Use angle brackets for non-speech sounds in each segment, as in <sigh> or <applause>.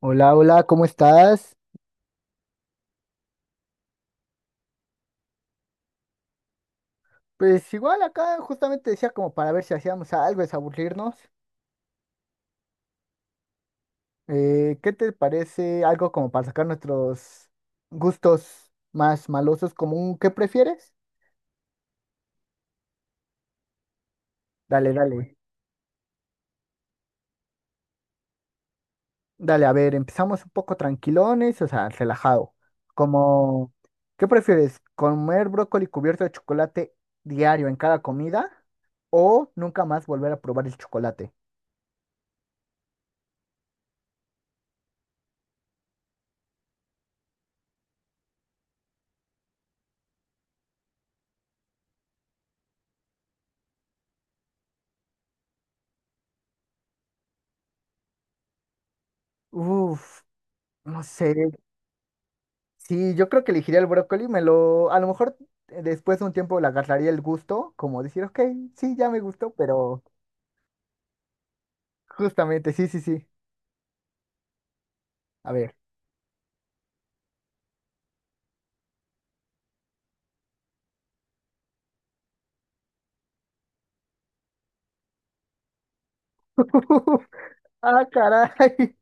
Hola, hola, ¿cómo estás? Pues igual acá justamente decía como para ver si hacíamos algo, desaburrirnos. ¿Qué te parece algo como para sacar nuestros gustos más malosos como un qué prefieres? Dale, dale. Dale, a ver, empezamos un poco tranquilones, o sea, relajado. Como, ¿qué prefieres? ¿Comer brócoli cubierto de chocolate diario en cada comida? ¿O nunca más volver a probar el chocolate? Uf, no sé. Sí, yo creo que elegiría el brócoli, me lo, a lo mejor después de un tiempo le agarraría el gusto, como decir, ok, sí, ya me gustó, pero justamente, sí, sí, sí, a ver. <laughs> Ah, caray.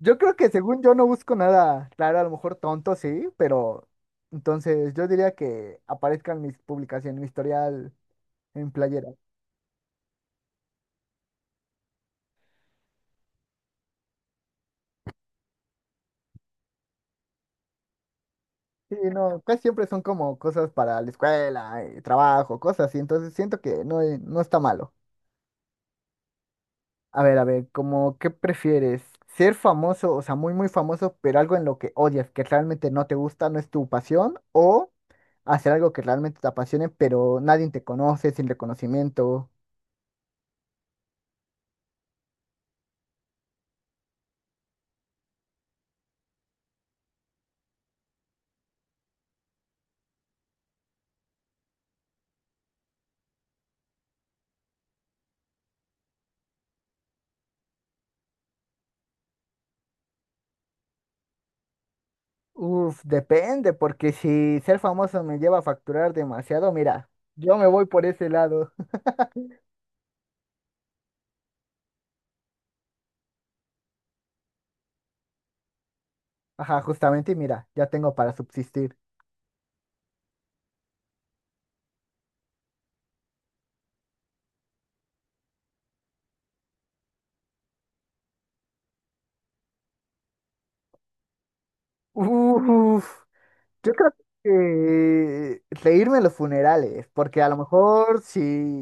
Yo creo que según yo no busco nada, claro, a lo mejor tonto, sí, pero entonces yo diría que aparezcan mis publicaciones, mi historial en playera. Sí, no, casi siempre son como cosas para la escuela, trabajo, cosas así, entonces siento que no, no está malo. A ver, como, ¿qué prefieres? ¿Ser famoso, o sea, muy, muy famoso, pero algo en lo que odias, que realmente no te gusta, no es tu pasión? ¿O hacer algo que realmente te apasione, pero nadie te conoce, sin reconocimiento? Uf, depende, porque si ser famoso me lleva a facturar demasiado, mira, yo me voy por ese lado. <laughs> Ajá, justamente, y mira, ya tengo para subsistir. Uf. Yo creo que reírme en los funerales, porque a lo mejor si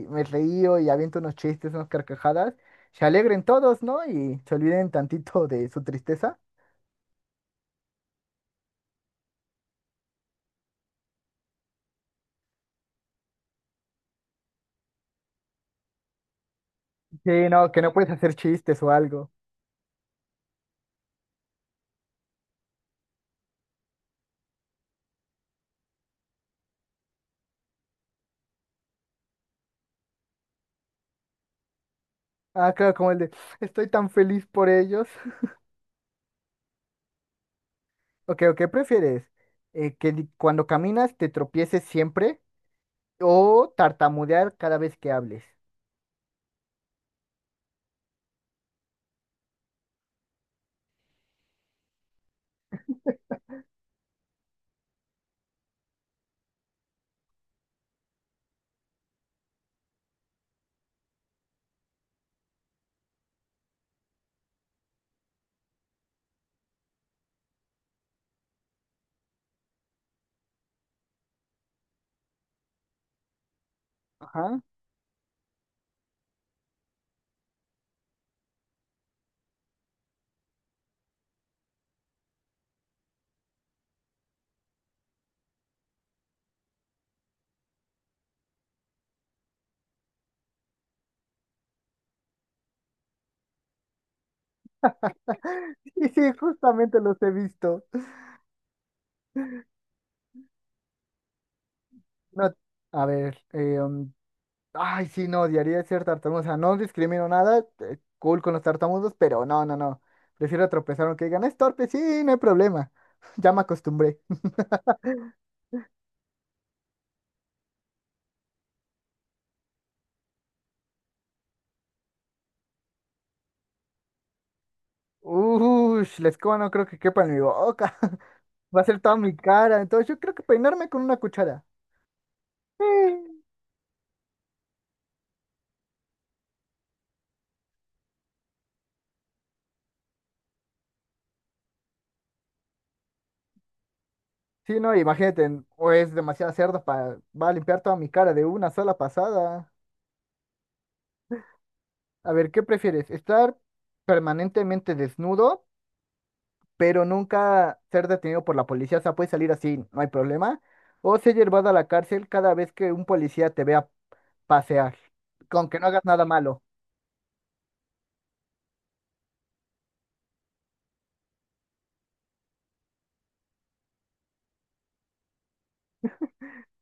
me reío y aviento unos chistes, unas carcajadas, se alegren todos, ¿no? Y se olviden tantito de su tristeza. Sí, no, que no puedes hacer chistes o algo. Ah, claro, como el de, estoy tan feliz por ellos. <laughs> Ok, ¿o qué prefieres? ¿Cuando caminas te tropieces siempre o tartamudear cada vez que hables? Ajá. <laughs> Sí, sí, justamente los he visto. No, a ver, ay, sí, no, odiaría ser tartamudo. O sea, no discrimino nada. Cool con los tartamudos, pero no, no, no. Prefiero tropezar aunque digan, es torpe, sí, no hay problema. <laughs> Ya me acostumbré. Uy, la escoba no creo que quepa en mi boca. <laughs> Va a ser toda mi cara. Entonces yo creo que peinarme con una cuchara. Sí, sí, no, imagínate, o es demasiado cerdo para... Va a limpiar toda mi cara de una sola pasada. A ver, ¿qué prefieres? ¿Estar permanentemente desnudo pero nunca ser detenido por la policía? O sea, puedes salir así, no hay problema. ¿O ser llevado a la cárcel cada vez que un policía te vea pasear, con que no hagas nada malo?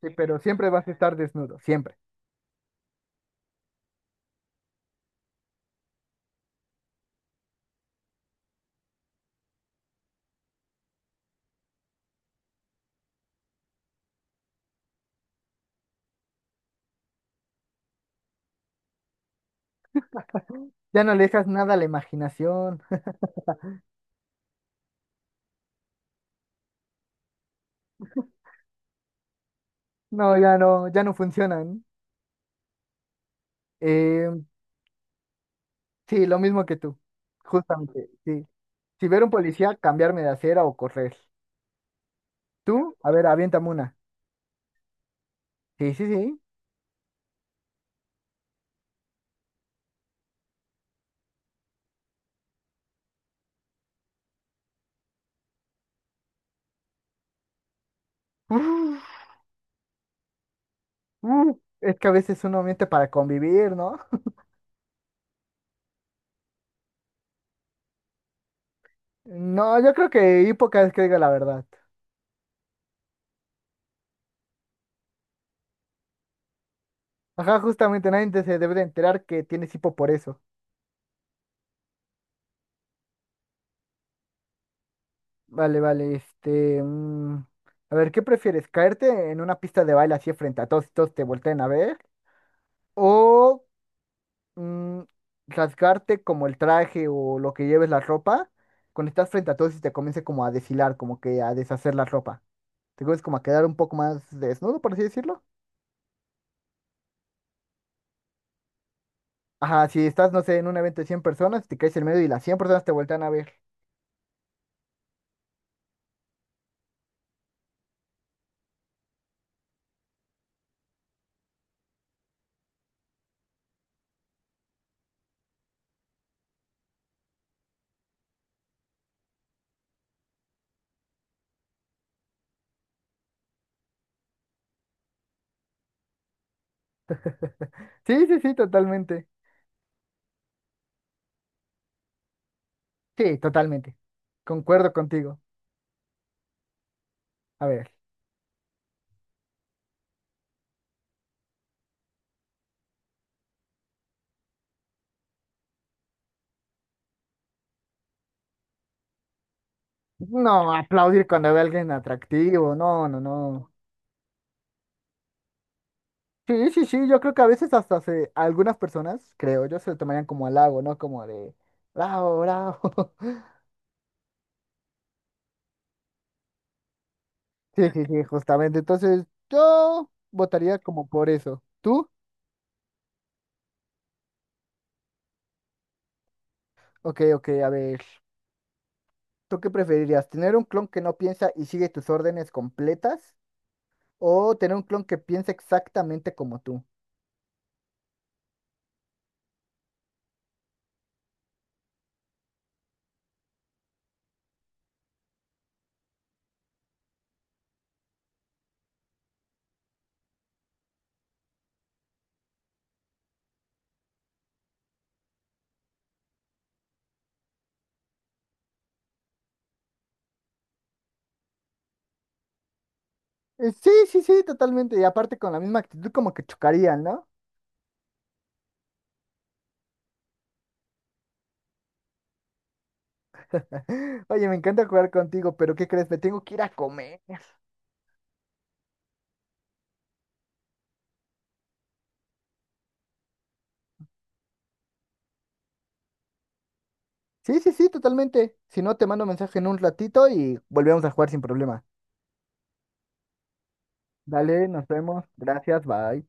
Sí, pero siempre vas a estar desnudo, siempre. Ya no le dejas nada a la imaginación. <laughs> No, ya no, ya no funcionan. Eh, sí, lo mismo que tú, justamente, sí. Si ver un policía, cambiarme de acera o correr. ¿Tú? A ver, aviéntame una. Sí, sí, sí. Uf, uf, es que a veces uno miente para convivir, ¿no? No, yo creo que hipo cada vez que diga la verdad. Ajá, justamente nadie se debe de enterar que tienes hipo por eso. Vale, vale, este, a ver, ¿qué prefieres? ¿Caerte en una pista de baile así frente a todos y todos te volteen a ver? ¿O mm, rasgarte como el traje o lo que lleves la ropa cuando estás frente a todos y te comience como a deshilar, como que a deshacer la ropa? ¿Te comienzas como a quedar un poco más desnudo, por así decirlo? Ajá, si estás, no sé, en un evento de 100 personas, te caes en medio y las 100 personas te voltean a ver. Sí, sí, sí, totalmente. Sí, totalmente. Concuerdo contigo. A ver, no aplaudir cuando ve a alguien atractivo, no, no, no. Sí, sí, sí, yo creo que a veces hasta se, algunas personas, creo yo, se lo tomarían como halago, ¿no? Como de, bravo, bravo. <laughs> Sí, sí, sí, justamente. Entonces, yo votaría como por eso. ¿Tú? Ok, ok, a ver. ¿Tú qué preferirías? ¿Tener un clon que no piensa y sigue tus órdenes completas? ¿O tener un clon que piensa exactamente como tú? Sí, sí, sí, totalmente. Y aparte con la misma actitud como que chocarían, ¿no? <laughs> Oye, me encanta jugar contigo, pero ¿qué crees? Me tengo que ir a comer. Sí, sí, sí, totalmente. Si no, te mando mensaje en un ratito y volvemos a jugar sin problema. Dale, nos vemos. Gracias, bye.